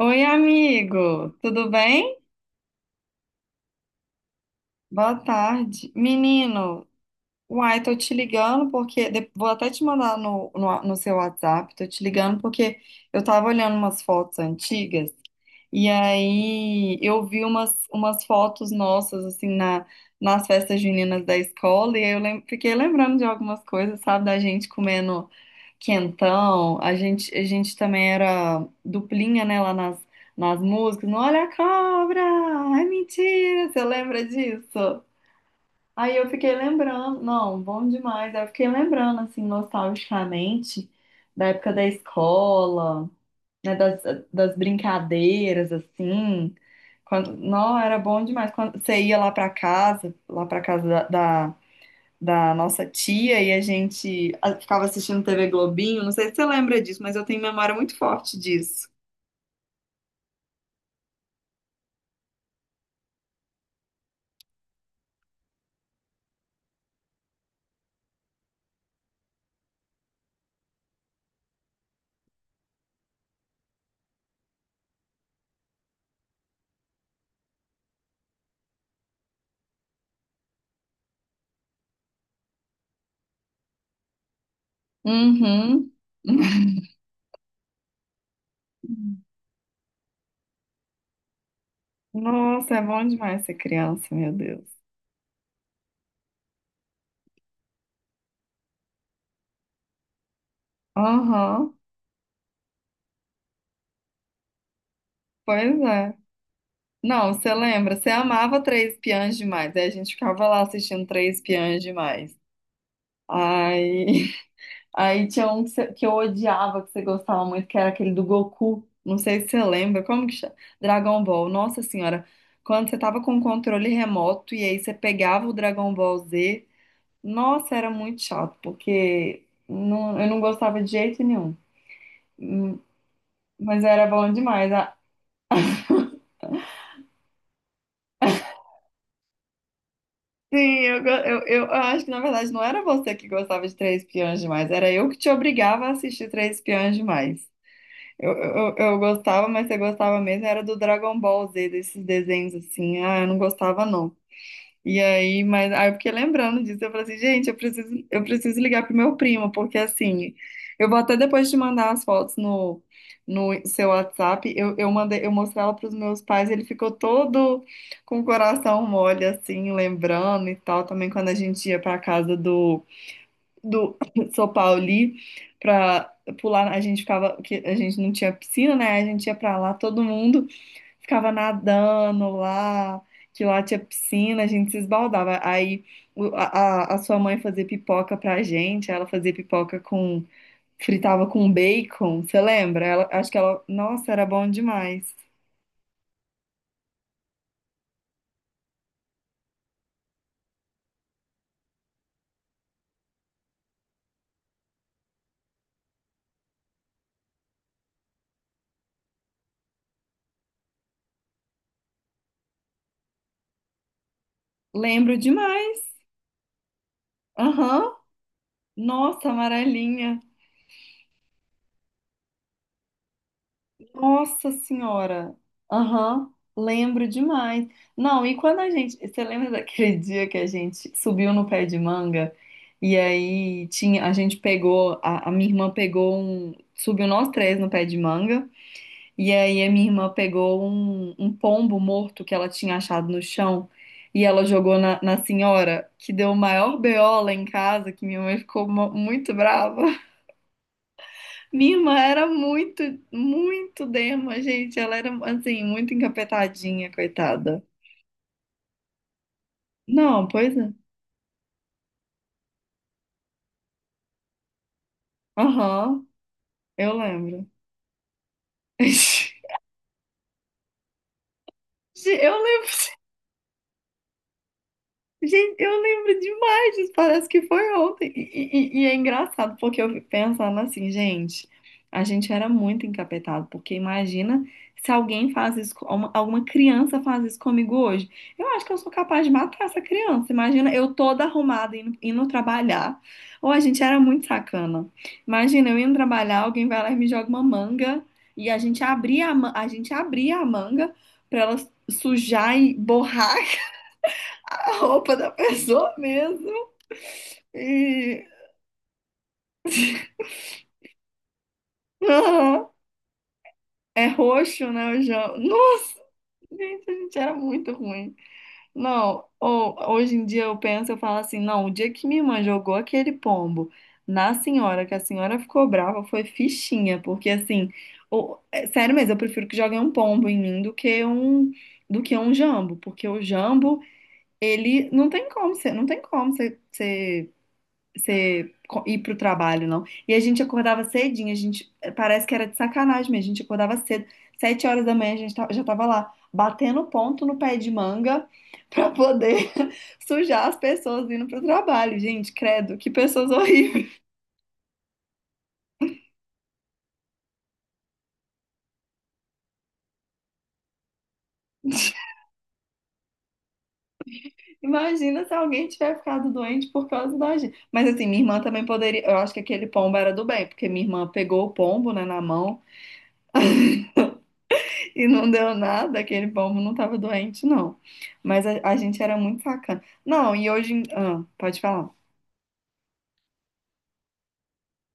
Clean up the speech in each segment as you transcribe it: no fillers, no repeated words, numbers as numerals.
Oi, amigo, tudo bem? Boa tarde. Menino, uai, tô te ligando Vou até te mandar no seu WhatsApp, tô te ligando porque eu tava olhando umas fotos antigas e aí eu vi umas fotos nossas, assim, nas festas juninas da escola e aí eu fiquei lembrando de algumas coisas, sabe, da gente comendo. Quentão, a gente também era duplinha, né, lá nas músicas. No olha a cobra! É mentira! Você lembra disso? Aí eu fiquei lembrando, não, bom demais. Aí eu fiquei lembrando, assim, nostalgicamente, da época da escola, né, das brincadeiras, assim. Quando, não, era bom demais. Quando você ia lá pra casa da nossa tia e a gente ficava assistindo TV Globinho. Não sei se você lembra disso, mas eu tenho memória muito forte disso. Uhum. Nossa, é bom demais ser criança, meu Deus. Aham, pois é. Não, você lembra? Você amava Três Espiãs Demais. Aí a gente ficava lá assistindo Três Espiãs Demais. Ai. Aí tinha um que, que eu odiava, que você gostava muito, que era aquele do Goku. Não sei se você lembra. Como que chama? Dragon Ball. Nossa Senhora. Quando você tava com o controle remoto e aí você pegava o Dragon Ball Z. Nossa, era muito chato, porque não, eu não gostava de jeito nenhum. Hum, Mas era bom demais. Ah, sim, eu, go- eu acho que na verdade não era você que gostava de Três Espiãs Demais. Era eu que te obrigava a assistir Três Espiãs Demais. Eu gostava, mas você gostava mesmo, era do Dragon Ball Z, desses desenhos assim. Ah, eu não gostava, não. E aí, mas aí eu fiquei lembrando disso, eu falei assim, gente, eu preciso ligar pro meu primo, porque assim, eu vou até depois te mandar as fotos no seu WhatsApp. Eu mandei, eu mostrei ela pros meus pais, ele ficou todo com o coração mole, assim, lembrando e tal, também quando a gente ia pra casa do São Paulo ali pra pular. A gente ficava, que a gente não tinha piscina, né? A gente ia pra lá, todo mundo ficava nadando lá, que lá tinha piscina, a gente se esbaldava. Aí a sua mãe fazia pipoca pra gente, ela fazia pipoca com, fritava com bacon, você lembra? Ela, acho que ela, nossa, era bom demais. Lembro demais. Aham. Nossa, amarelinha. Nossa Senhora! Aham, lembro demais. Não, e quando a gente. Você lembra daquele dia que a gente subiu no pé de manga e aí tinha, a gente pegou, a minha irmã pegou um. Subiu nós três no pé de manga e aí a minha irmã pegou um pombo morto que ela tinha achado no chão e ela jogou na senhora, que deu o maior BO lá em casa, que minha mãe ficou muito brava. Minha irmã era muito dema, gente. Ela era, assim, muito encapetadinha, coitada. Não, pois é. Aham, eu lembro. Eu gente, eu lembro demais disso, parece que foi ontem. E é engraçado, porque eu fico pensando assim, gente, a gente era muito encapetado, porque imagina se alguém faz isso, alguma criança faz isso comigo hoje. Eu acho que eu sou capaz de matar essa criança. Imagina eu toda arrumada indo trabalhar. Ou a gente era muito sacana. Imagina eu indo trabalhar, alguém vai lá e me joga uma manga, e a gente abria a manga pra ela sujar e borrar a roupa da pessoa mesmo. E aham, é roxo, né? O João. Nossa, gente, a gente era muito ruim. Não, ou, hoje em dia eu penso, eu falo assim, não, o dia que minha irmã jogou aquele pombo na senhora, que a senhora ficou brava, foi fichinha, porque assim, é sério mesmo, eu prefiro que joguem um pombo em mim do que um jambo, porque o jambo, ele não tem como, você não tem como ir pro trabalho, não. E a gente acordava cedinho, a gente parece que era de sacanagem, mas a gente acordava cedo, 7 horas da manhã a gente já tava lá batendo ponto no pé de manga pra poder sujar as pessoas indo pro trabalho, gente, credo, que pessoas horríveis. Imagina se alguém tiver ficado doente por causa da gente. Mas assim, minha irmã também poderia. Eu acho que aquele pombo era do bem, porque minha irmã pegou o pombo, né, na mão. E não deu nada, aquele pombo não tava doente, não. Mas a gente era muito sacana. Não, e ah, pode falar.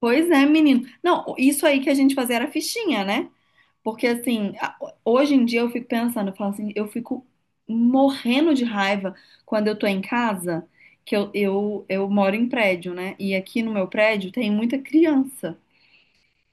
Pois é, menino. Não, isso aí que a gente fazia era fichinha, né? Porque assim, hoje em dia eu fico pensando, eu falo assim, eu fico morrendo de raiva quando eu tô em casa, que eu moro em prédio, né? E aqui no meu prédio tem muita criança.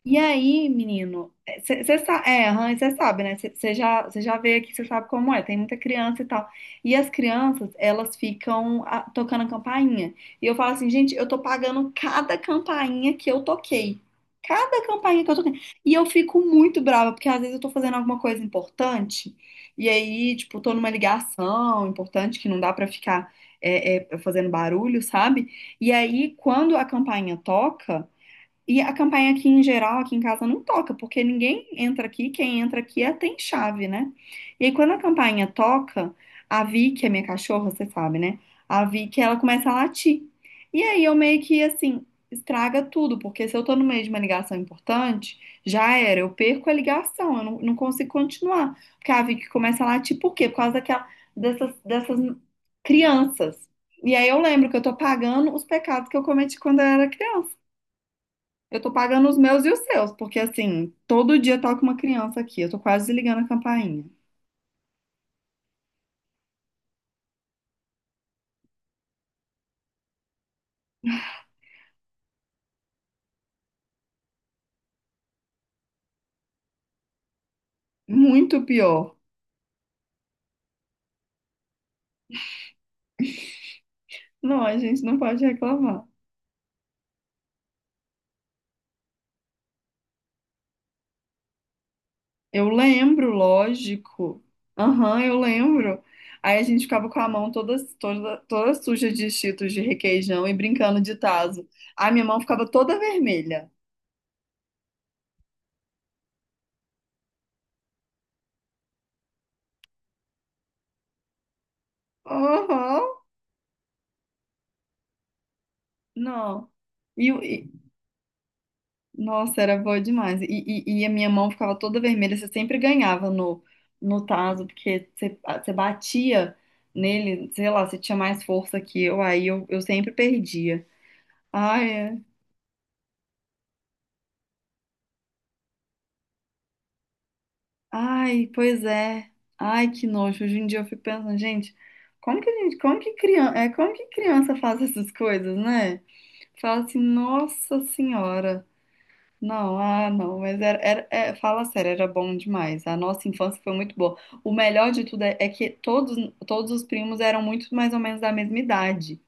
E aí, menino, você sabe, é, Rãs, você sabe, né? Você já, cê já veio aqui, você sabe como é, tem muita criança e tal. E as crianças, elas ficam ah, tocando a campainha. E eu falo assim, gente, eu tô pagando cada campainha que eu toquei. Cada campainha que eu toquei. E eu fico muito brava, porque às vezes eu tô fazendo alguma coisa importante, e aí, tipo, tô numa ligação importante que não dá pra ficar fazendo barulho, sabe? E aí, quando a campainha toca. E a campanha aqui em geral, aqui em casa, não toca, porque ninguém entra aqui, quem entra aqui é, tem chave, né? E aí quando a campainha toca, a Vicky, a minha cachorra, você sabe, né? A Vicky, ela começa a latir. E aí eu meio que, assim, estraga tudo, porque se eu tô no meio de uma ligação importante, já era, eu perco a ligação, eu não, não consigo continuar. Porque a Vicky começa a latir, por quê? Por causa daquela, dessas crianças. E aí eu lembro que eu tô pagando os pecados que eu cometi quando eu era criança. Eu tô pagando os meus e os seus, porque assim, todo dia toca uma criança aqui. Eu tô quase ligando a campainha. Muito pior. Não, a gente não pode reclamar. Eu lembro, lógico. Aham, eu lembro. Aí a gente ficava com a mão toda suja de Cheetos de requeijão e brincando de tazo. A minha mão ficava toda vermelha. Aham, não. E nossa, era boa demais. E a minha mão ficava toda vermelha. Você sempre ganhava no tazo, porque você, ah, você batia nele, sei lá, você tinha mais força que eu, eu sempre perdia. Ai, é. Ai, pois é. Ai, que nojo. Hoje em dia eu fico pensando, gente, como que a gente, como que criança, é, como que criança faz essas coisas, né? Fala assim, nossa senhora. Não, ah, não, mas é, fala sério, era bom demais. A nossa infância foi muito boa. O melhor de tudo é que todos, todos os primos eram muito mais ou menos da mesma idade.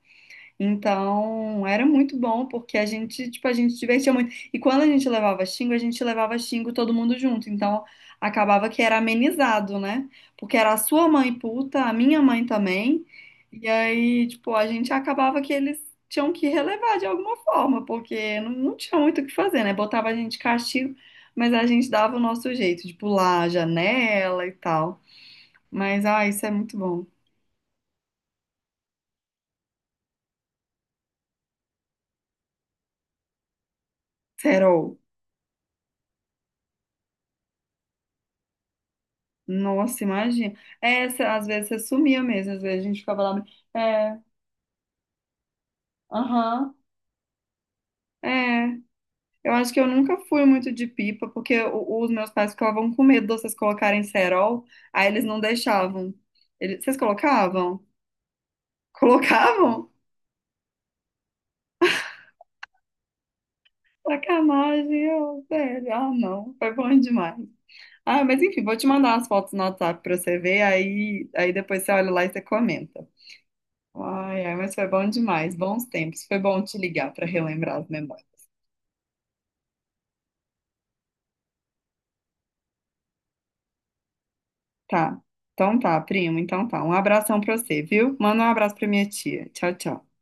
Então, era muito bom, porque a gente, tipo, a gente se divertia muito. E quando a gente levava xingo, a gente levava xingo todo mundo junto. Então, acabava que era amenizado, né? Porque era a sua mãe puta, a minha mãe também. E aí, tipo, a gente acabava que eles tinham que relevar de alguma forma, porque não, não tinha muito o que fazer, né? Botava a gente de castigo, mas a gente dava o nosso jeito de pular a janela e tal. Mas, ah, isso é muito bom. Serol. Nossa, imagina. É, às vezes você sumia mesmo, às vezes a gente ficava lá. É, aham, é. Eu acho que eu nunca fui muito de pipa, porque os meus pais ficavam com medo de vocês colocarem cerol, aí eles não deixavam. Eles, vocês colocavam? Colocavam? Sacanagem, eu, sério? Ah, não, foi bom demais. Ah, mas enfim, vou te mandar as fotos no WhatsApp pra você ver, aí depois você olha lá e você comenta. Ai, mas foi bom demais, bons tempos. Foi bom te ligar pra relembrar as memórias. Tá. Então tá, primo. Então tá. Um abração pra você, viu? Manda um abraço pra minha tia. Tchau, tchau.